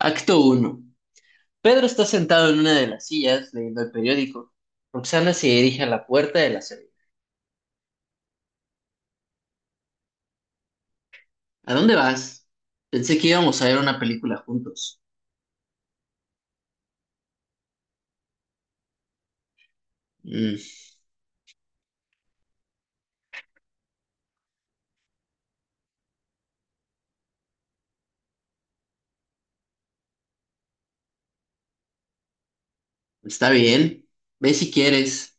Acto uno. Pedro está sentado en una de las sillas leyendo el periódico. Roxana se dirige a la puerta de la serie. ¿A dónde vas? Pensé que íbamos a ver una película juntos. "Mm, está bien. Ve si quieres.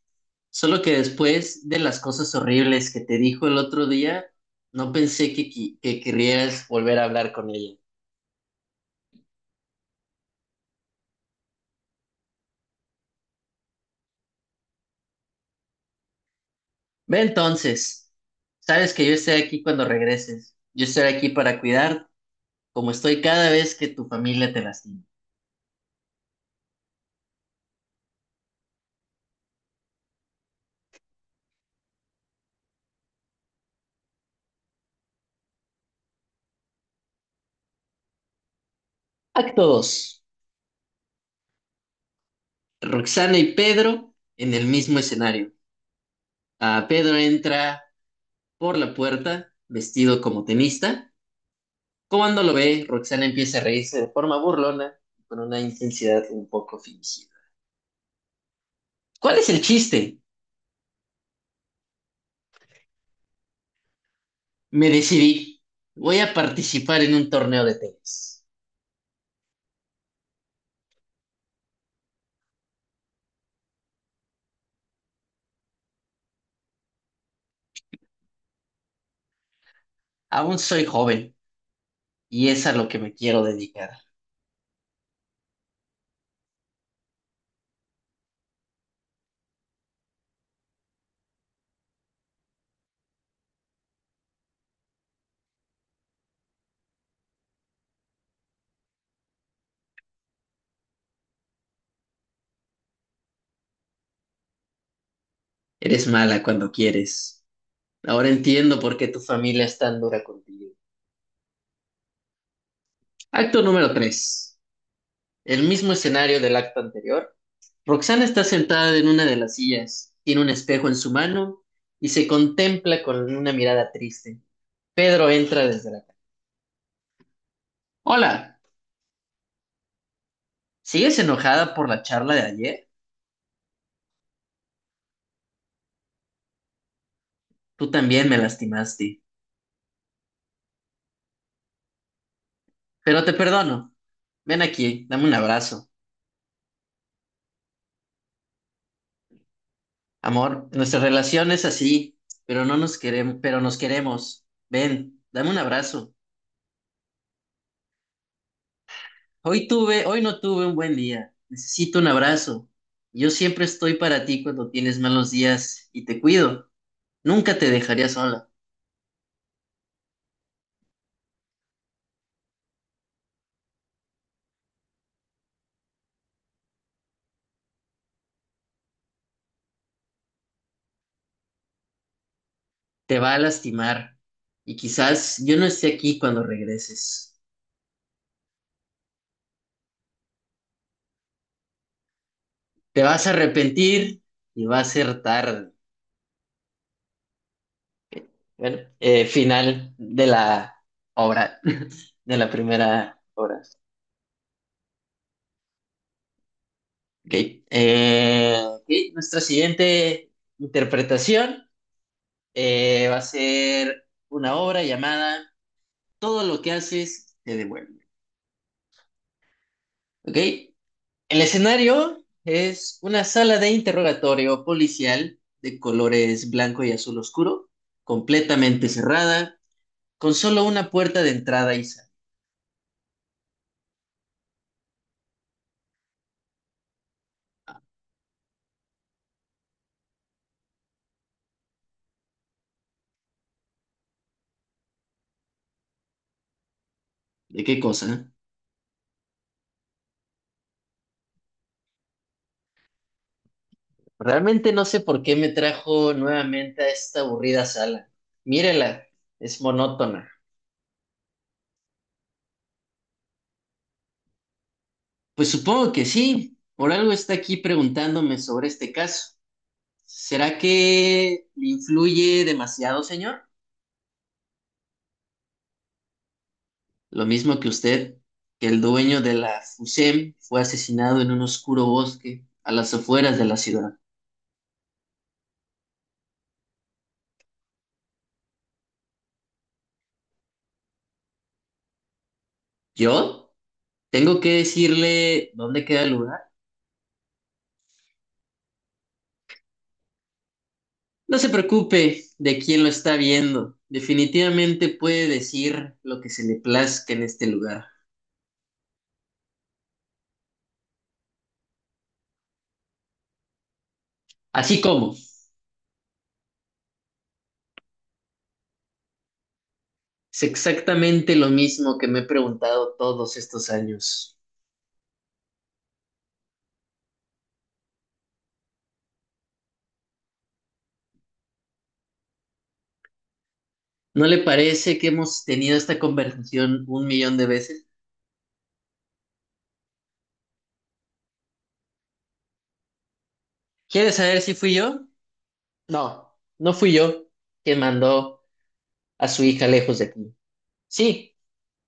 Solo que después de las cosas horribles que te dijo el otro día, no pensé que querrías volver a hablar con ella. Ve entonces. Sabes que yo estaré aquí cuando regreses. Yo estaré aquí para cuidar, como estoy cada vez que tu familia te lastima. Acto 2. Roxana y Pedro en el mismo escenario. Ah, Pedro entra por la puerta vestido como tenista. Cuando lo ve, Roxana empieza a reírse de forma burlona, con una intensidad un poco fingida. ¿Cuál es el chiste? Me decidí. Voy a participar en un torneo de tenis. Aún soy joven y es a lo que me quiero dedicar. Eres mala cuando quieres. Ahora entiendo por qué tu familia es tan dura contigo. Acto número 3. El mismo escenario del acto anterior, Roxana está sentada en una de las sillas, tiene un espejo en su mano y se contempla con una mirada triste. Pedro entra desde la casa. Hola, ¿sigues enojada por la charla de ayer? Tú también me lastimaste, pero te perdono. Ven aquí, dame un abrazo. Amor, nuestra relación es así, pero no nos queremos, pero nos queremos. Ven, dame un abrazo. Hoy no tuve un buen día. Necesito un abrazo. Yo siempre estoy para ti cuando tienes malos días y te cuido. Nunca te dejaría sola, te va a lastimar y quizás yo no esté aquí cuando regreses. Te vas a arrepentir y va a ser tarde. Bueno, final de la obra, de la primera obra. Ok, ok, nuestra siguiente interpretación va a ser una obra llamada Todo lo que haces te devuelve. ¿Ok? El escenario es una sala de interrogatorio policial de colores blanco y azul oscuro, completamente cerrada, con solo una puerta de entrada y salida. ¿De qué cosa? Realmente no sé por qué me trajo nuevamente a esta aburrida sala. Mírela, es monótona. Pues supongo que sí, por algo está aquí preguntándome sobre este caso. ¿Será que le influye demasiado, señor? Lo mismo que usted, que el dueño de la FUSEM fue asesinado en un oscuro bosque a las afueras de la ciudad. ¿Yo? ¿Tengo que decirle dónde queda el lugar? No se preocupe de quién lo está viendo. Definitivamente puede decir lo que se le plazca en este lugar. Así como, es exactamente lo mismo que me he preguntado todos estos años. ¿No le parece que hemos tenido esta conversación un millón de veces? ¿Quiere saber si fui yo? No, no fui yo quien mandó a su hija lejos de aquí. Sí,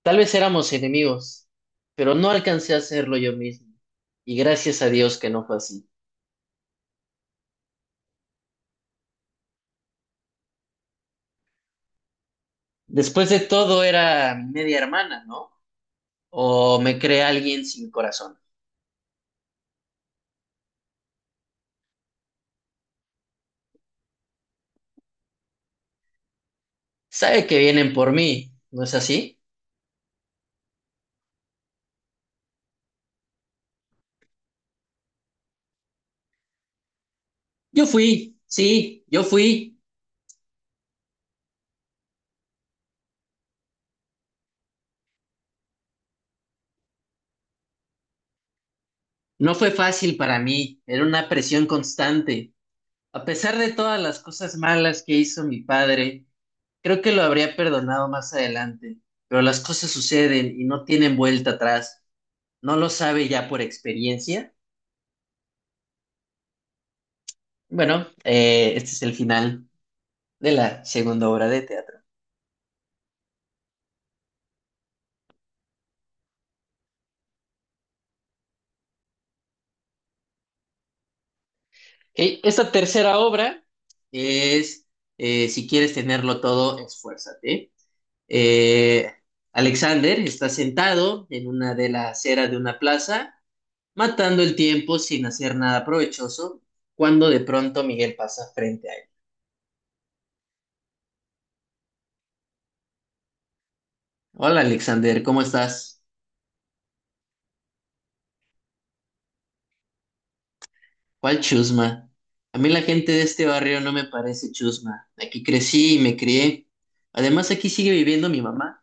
tal vez éramos enemigos, pero no alcancé a hacerlo yo mismo. Y gracias a Dios que no fue así. Después de todo era mi media hermana, ¿no? O me cree alguien sin corazón. Sabe que vienen por mí, ¿no es así? Yo fui, sí, yo fui. No fue fácil para mí, era una presión constante. A pesar de todas las cosas malas que hizo mi padre, creo que lo habría perdonado más adelante, pero las cosas suceden y no tienen vuelta atrás. No lo sabe ya por experiencia. Bueno, este es el final de la segunda obra de teatro. Ok, esta tercera obra es Si quieres tenerlo todo, esfuérzate. Eh, Alexander está sentado en una de las aceras de una plaza, matando el tiempo sin hacer nada provechoso, cuando de pronto Miguel pasa frente a él. Hola Alexander, ¿cómo estás? ¿Cuál chusma? A mí la gente de este barrio no me parece chusma. Aquí crecí y me crié. Además, aquí sigue viviendo mi mamá.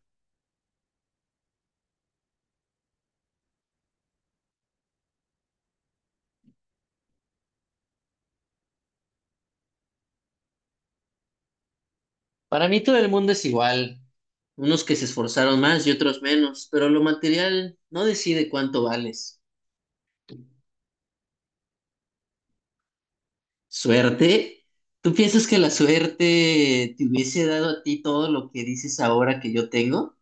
Para mí todo el mundo es igual. Unos que se esforzaron más y otros menos, pero lo material no decide cuánto vales. ¿Suerte? ¿Tú piensas que la suerte te hubiese dado a ti todo lo que dices ahora que yo tengo?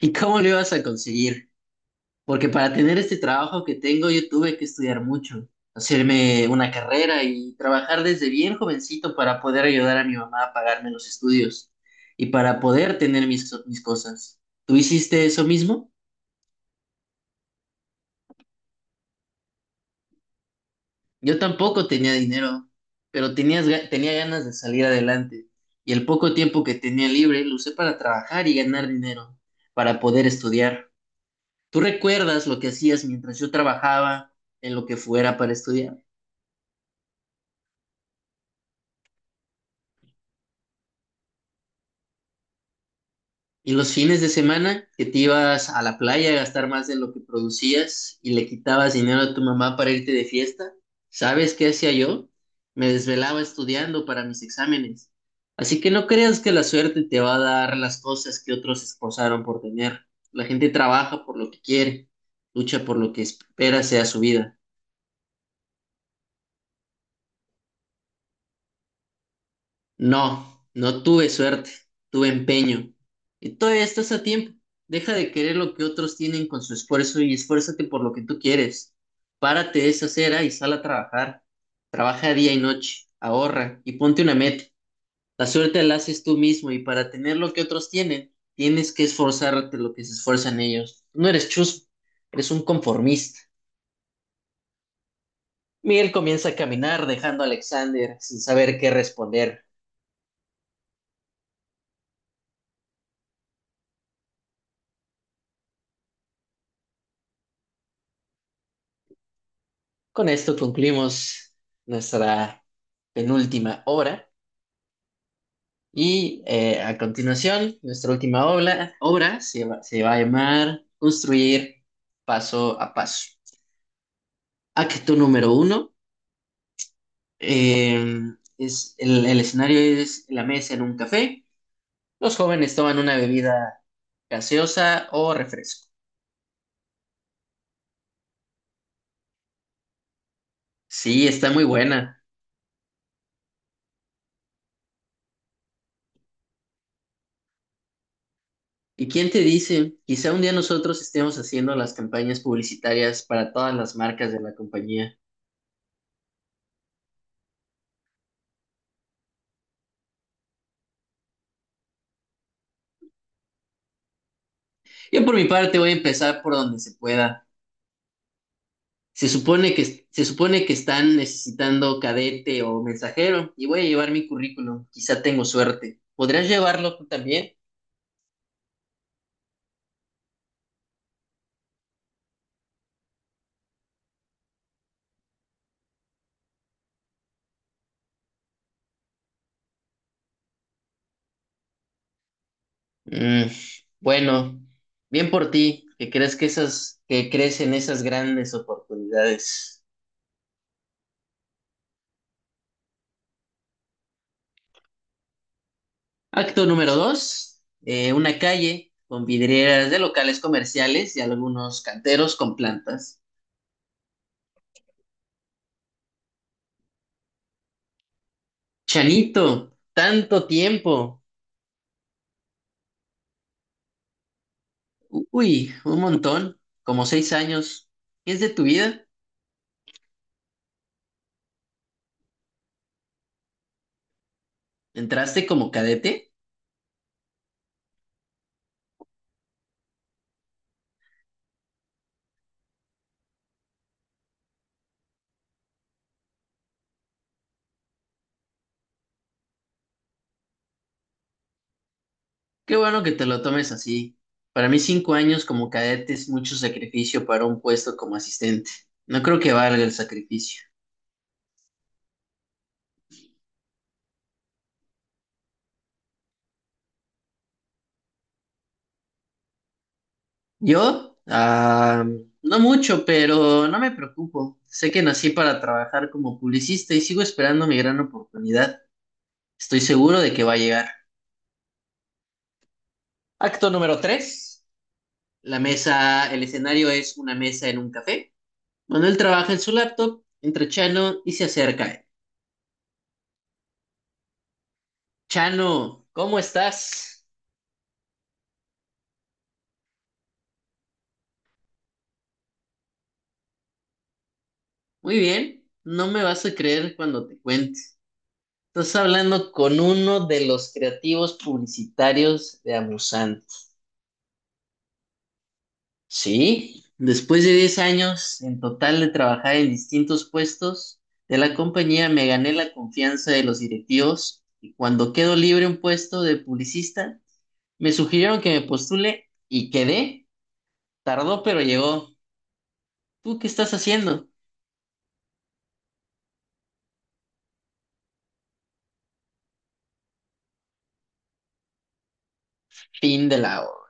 ¿Y cómo lo ibas a conseguir? Porque para tener este trabajo que tengo, yo tuve que estudiar mucho, hacerme una carrera y trabajar desde bien jovencito para poder ayudar a mi mamá a pagarme los estudios y para poder tener mis cosas. ¿Tú hiciste eso mismo? Yo tampoco tenía dinero, pero tenía ganas de salir adelante y el poco tiempo que tenía libre lo usé para trabajar y ganar dinero, para poder estudiar. ¿Tú recuerdas lo que hacías mientras yo trabajaba en lo que fuera para estudiar? Y los fines de semana que te ibas a la playa a gastar más de lo que producías y le quitabas dinero a tu mamá para irte de fiesta, ¿sabes qué hacía yo? Me desvelaba estudiando para mis exámenes. Así que no creas que la suerte te va a dar las cosas que otros se esforzaron por tener. La gente trabaja por lo que quiere, lucha por lo que espera sea su vida. No, no tuve suerte, tuve empeño. Y todavía estás a tiempo. Deja de querer lo que otros tienen con su esfuerzo y esfuérzate por lo que tú quieres. Párate de esa acera y sal a trabajar. Trabaja día y noche, ahorra y ponte una meta. La suerte la haces tú mismo y para tener lo que otros tienen, tienes que esforzarte lo que se esfuerzan ellos. Tú no eres chusco, eres un conformista. Miguel comienza a caminar dejando a Alexander sin saber qué responder. Con esto concluimos nuestra penúltima obra. Y a continuación, nuestra última obra, se va a llamar Construir paso a paso. Acto número uno. eh, es, el escenario es la mesa en un café. Los jóvenes toman una bebida gaseosa o refresco. Sí, está muy buena. ¿Y quién te dice? Quizá un día nosotros estemos haciendo las campañas publicitarias para todas las marcas de la compañía. Yo por mi parte voy a empezar por donde se pueda. Se supone que están necesitando cadete o mensajero y voy a llevar mi currículum. Quizá tengo suerte. ¿Podrías llevarlo tú también? Mm, bueno, bien por ti, que crees en esas grandes oportunidades. Acto número dos, una calle con vidrieras de locales comerciales y algunos canteros con plantas. Chanito, tanto tiempo. Uy, un montón, como 6 años. ¿Qué es de tu vida? ¿Entraste como cadete? Qué bueno que te lo tomes así. Para mí 5 años como cadete es mucho sacrificio para un puesto como asistente. No creo que valga el sacrificio. Yo, ah, no mucho, pero no me preocupo. Sé que nací para trabajar como publicista y sigo esperando mi gran oportunidad. Estoy seguro de que va a llegar. Acto número tres. La mesa, el escenario es una mesa en un café. Manuel trabaja en su laptop, entra Chano y se acerca a él. Chano, ¿cómo estás? Muy bien, no me vas a creer cuando te cuente. Estás hablando con uno de los creativos publicitarios de Amusant. Sí, después de 10 años en total de trabajar en distintos puestos de la compañía, me gané la confianza de los directivos y cuando quedó libre un puesto de publicista, me sugirieron que me postule y quedé. Tardó, pero llegó. ¿Tú qué estás haciendo? Fin de la